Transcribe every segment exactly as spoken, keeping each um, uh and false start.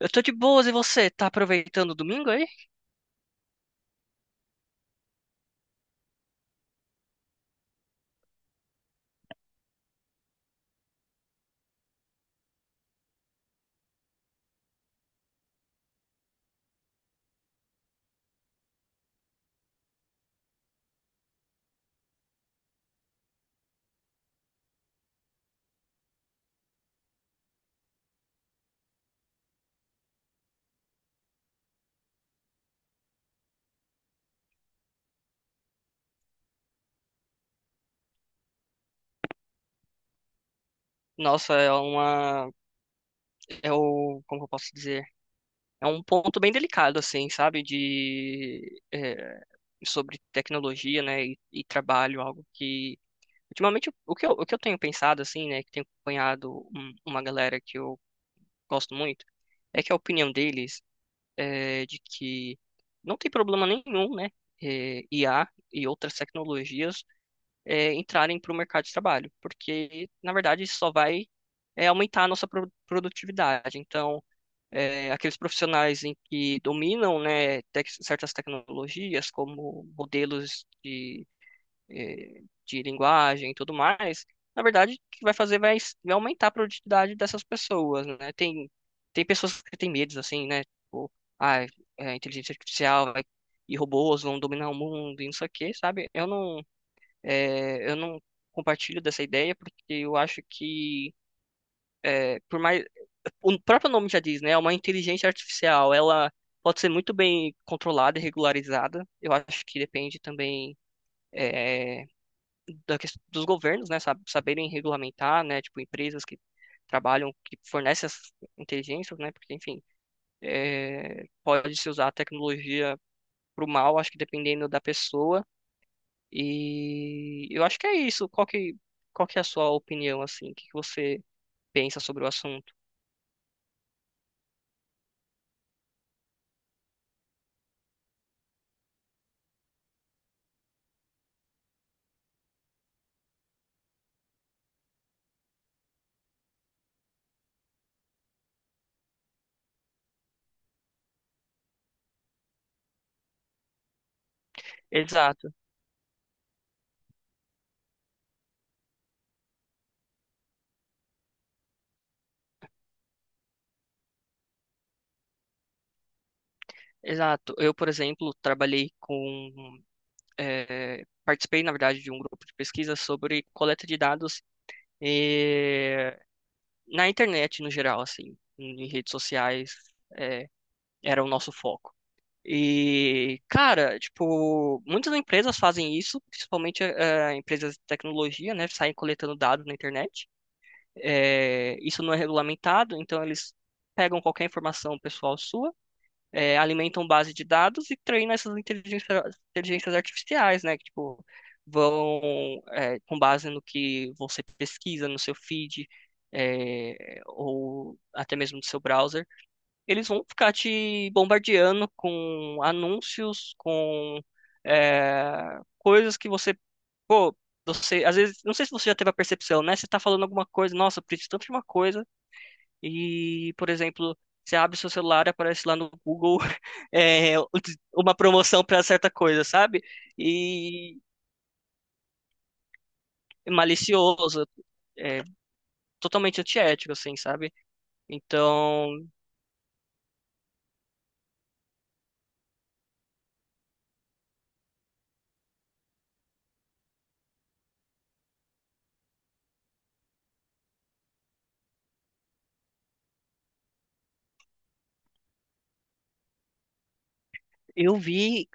Eu tô de boas e você? Tá aproveitando o domingo aí? Nossa, é uma. É o. Como que eu posso dizer? É um ponto bem delicado, assim, sabe? De. é, sobre tecnologia, né? E, e trabalho, algo que. Ultimamente, o o que eu, o que eu tenho pensado, assim, né? Que tenho acompanhado um- uma galera que eu gosto muito, é que a opinião deles é de que não tem problema nenhum, né? é, I A e outras tecnologias é, entrarem para o mercado de trabalho, porque, na verdade, isso só vai é, aumentar a nossa pro- produtividade. Então, é, aqueles profissionais em que dominam, né, tec- certas tecnologias, como modelos de, é, de linguagem e tudo mais, na verdade, o que vai fazer vai, s- vai aumentar a produtividade dessas pessoas, né? Tem, tem pessoas que têm medos, assim, né? Tipo, ah, é, inteligência artificial vai- e robôs vão dominar o mundo e não sei o quê, sabe? Eu não, é, eu não compartilho dessa ideia porque eu acho que, é, por mais, o próprio nome já diz, né? É uma inteligência artificial. Ela pode ser muito bem controlada e regularizada. Eu acho que depende também é, da ques- dos governos, né? sab- Saberem regulamentar, né? Tipo, empresas que trabalham, que fornecem essas inteligências, né? Porque, enfim, é, pode-se usar a tecnologia para o mal, acho que dependendo da pessoa. E eu acho que é isso. Qual que, qual que é a sua opinião, assim? O que que você pensa sobre o assunto? Exato, exato. Eu, por exemplo, trabalhei com... eh, participei, na verdade, de um grupo de pesquisa sobre coleta de dados eh, na internet, no geral, assim, em redes sociais, eh, era o nosso foco. E, cara, tipo, muitas empresas fazem isso, principalmente eh, empresas de tecnologia, né? Saem coletando dados na internet. É, isso não é regulamentado, então eles pegam qualquer informação pessoal sua, é, alimentam base de dados e treinam essas inteligência- inteligências artificiais, né? Que, tipo, vão, é, com base no que você pesquisa no seu feed, é, ou até mesmo no seu browser, eles vão ficar te bombardeando com anúncios, com, é, coisas que você Pô, você, às vezes, não sei se você já teve a percepção, né? Você tá falando alguma coisa, nossa, eu preciso tanto de uma coisa, e, por exemplo, você abre seu celular e aparece lá no Google é, uma promoção para certa coisa, sabe? E malicioso, é, totalmente antiético, assim, sabe? Então, eu vi,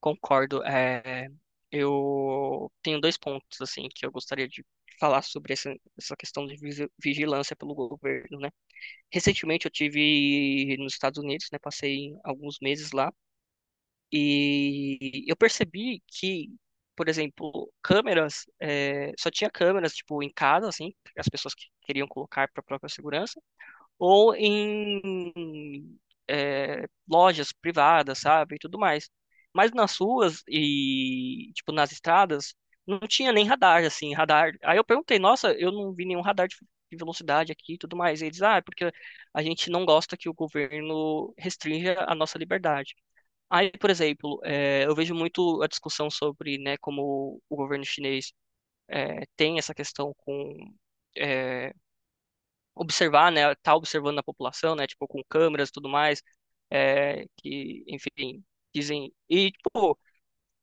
concordo, é, eu tenho dois pontos, assim, que eu gostaria de falar sobre essa, essa questão de visi- vigilância pelo governo, né? Recentemente eu tive nos Estados Unidos, né? Passei alguns meses lá e eu percebi que, por exemplo, câmeras, eh, só tinha câmeras tipo em casa, assim, as pessoas que queriam colocar para própria segurança ou em é, lojas privadas, sabe, e tudo mais. Mas nas ruas e, tipo, nas estradas, não tinha nem radar, assim, radar. Aí eu perguntei, nossa, eu não vi nenhum radar de de velocidade aqui e tudo mais. E eles, ah, é porque a gente não gosta que o governo restrinja a nossa liberdade. Aí, por exemplo, é, eu vejo muito a discussão sobre, né, como o governo chinês é, tem essa questão com eh, observar, né, tá observando a população, né, tipo, com câmeras e tudo mais, é, que, enfim, dizem. E, tipo,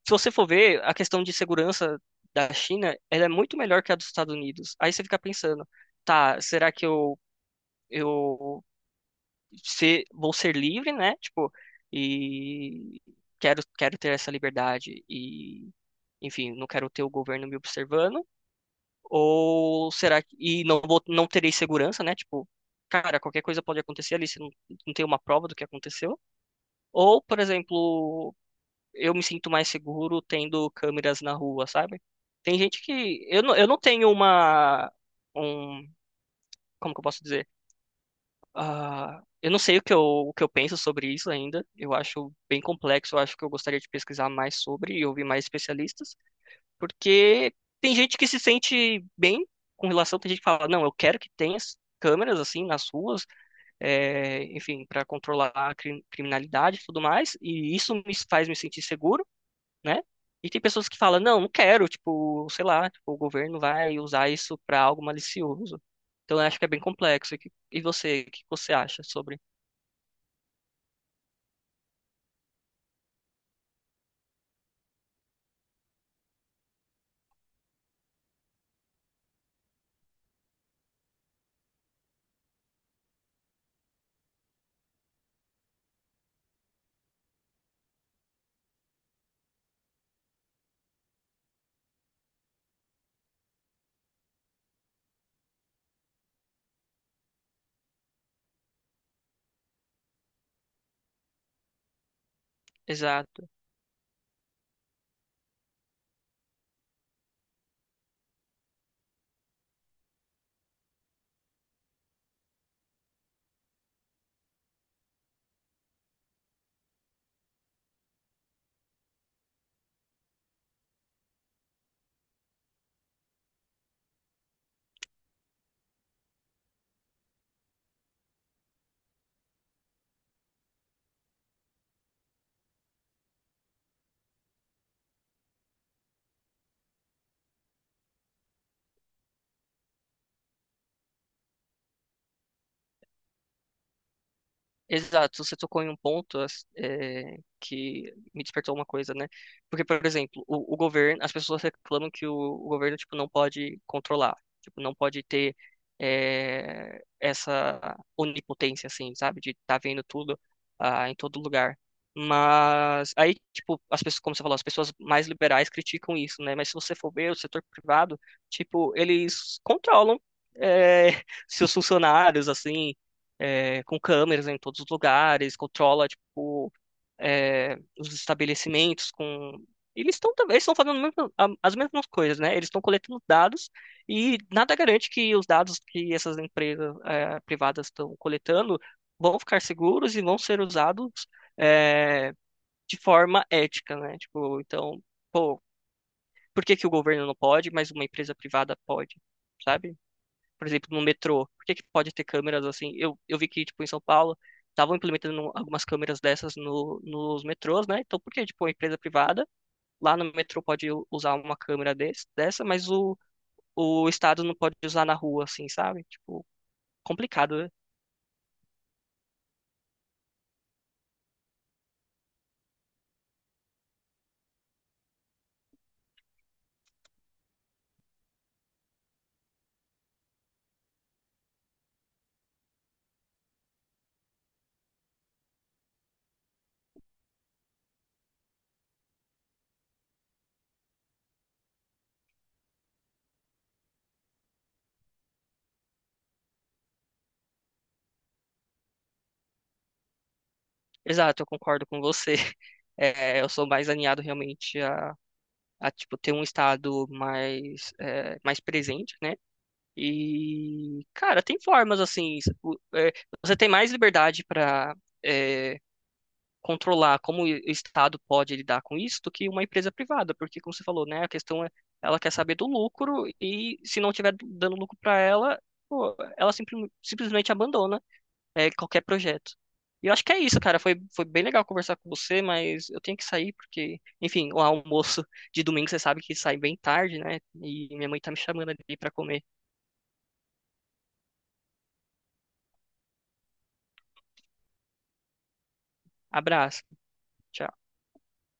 se você for ver, a questão de segurança da China, ela é muito melhor que a dos Estados Unidos. Aí você fica pensando, tá, será que eu, eu se, vou ser livre, né, tipo, e quero, quero ter essa liberdade e, enfim, não quero ter o governo me observando, Ou será que. E não, vou- não terei segurança, né? Tipo, cara, qualquer coisa pode acontecer ali, você não, não tem uma prova do que aconteceu. Ou, por exemplo, eu me sinto mais seguro tendo câmeras na rua, sabe? Tem gente que. Eu não, eu não tenho uma. Um, como que eu posso dizer? Ah, eu não sei o que eu, o que eu penso sobre isso ainda. Eu acho bem complexo, eu acho que eu gostaria de pesquisar mais sobre e ouvir mais especialistas. Porque tem gente que se sente bem com relação, tem gente que fala, não, eu quero que tenha as câmeras assim nas ruas, é, enfim, para controlar a cri- criminalidade e tudo mais, e isso me faz me sentir seguro, né? E tem pessoas que falam, não, não quero, tipo, sei lá, tipo, o governo vai usar isso para algo malicioso. Então eu acho que é bem complexo. E, que- e você, o que você acha sobre? Exato. Exato, você tocou em um ponto as- eh, que me despertou uma coisa, né? Porque, por exemplo, o, o governo, as pessoas reclamam que o, o governo, tipo, não pode controlar, tipo, não pode ter eh, essa onipotência, assim, sabe? De estar vendo tudo ah, em todo lugar. Mas aí, tipo, as pessoas, como você falou, as pessoas mais liberais criticam isso, né? Mas se você for ver o setor privado, tipo, eles controlam eh, seus funcionários, assim é, com câmeras em todos os lugares, controla tipo é, os estabelecimentos com eles estão tam- eles estão fazendo mesmo- a- as mesmas coisas, né? Eles estão coletando dados e nada garante que os dados que essas empresas é, privadas estão coletando vão ficar seguros e vão ser usados é, de forma ética, né? Tipo, então, pô, por que que o governo não pode, mas uma empresa privada pode? Sabe? Por exemplo, no metrô? Por que que pode ter câmeras assim? Eu, eu vi que, tipo, em São Paulo, estavam implementando algumas câmeras dessas no, nos metrôs, né? Então, por que, tipo, uma empresa privada lá no metrô pode u- usar uma câmera desse, dessa, mas o, o Estado não pode usar na rua, assim, sabe? Tipo, complicado, né? Exato, eu concordo com você. É, eu sou mais alinhado realmente a, a tipo, ter um Estado mais, é, mais presente, né? E, cara, tem formas assim. o- é, Você tem mais liberdade para controlar como o Estado pode lidar com isso do que uma empresa privada, porque, como você falou, né, a questão é ela quer saber do lucro e se não tiver dando lucro para ela, pô, ela simplim- simplesmente abandona é, qualquer projeto. E eu acho que é isso, cara. Foi, foi bem legal conversar com você, mas eu tenho que sair porque, enfim, o almoço de domingo você sabe que sai bem tarde, né? E minha mãe tá me chamando ali para comer. Abraço. Tchau.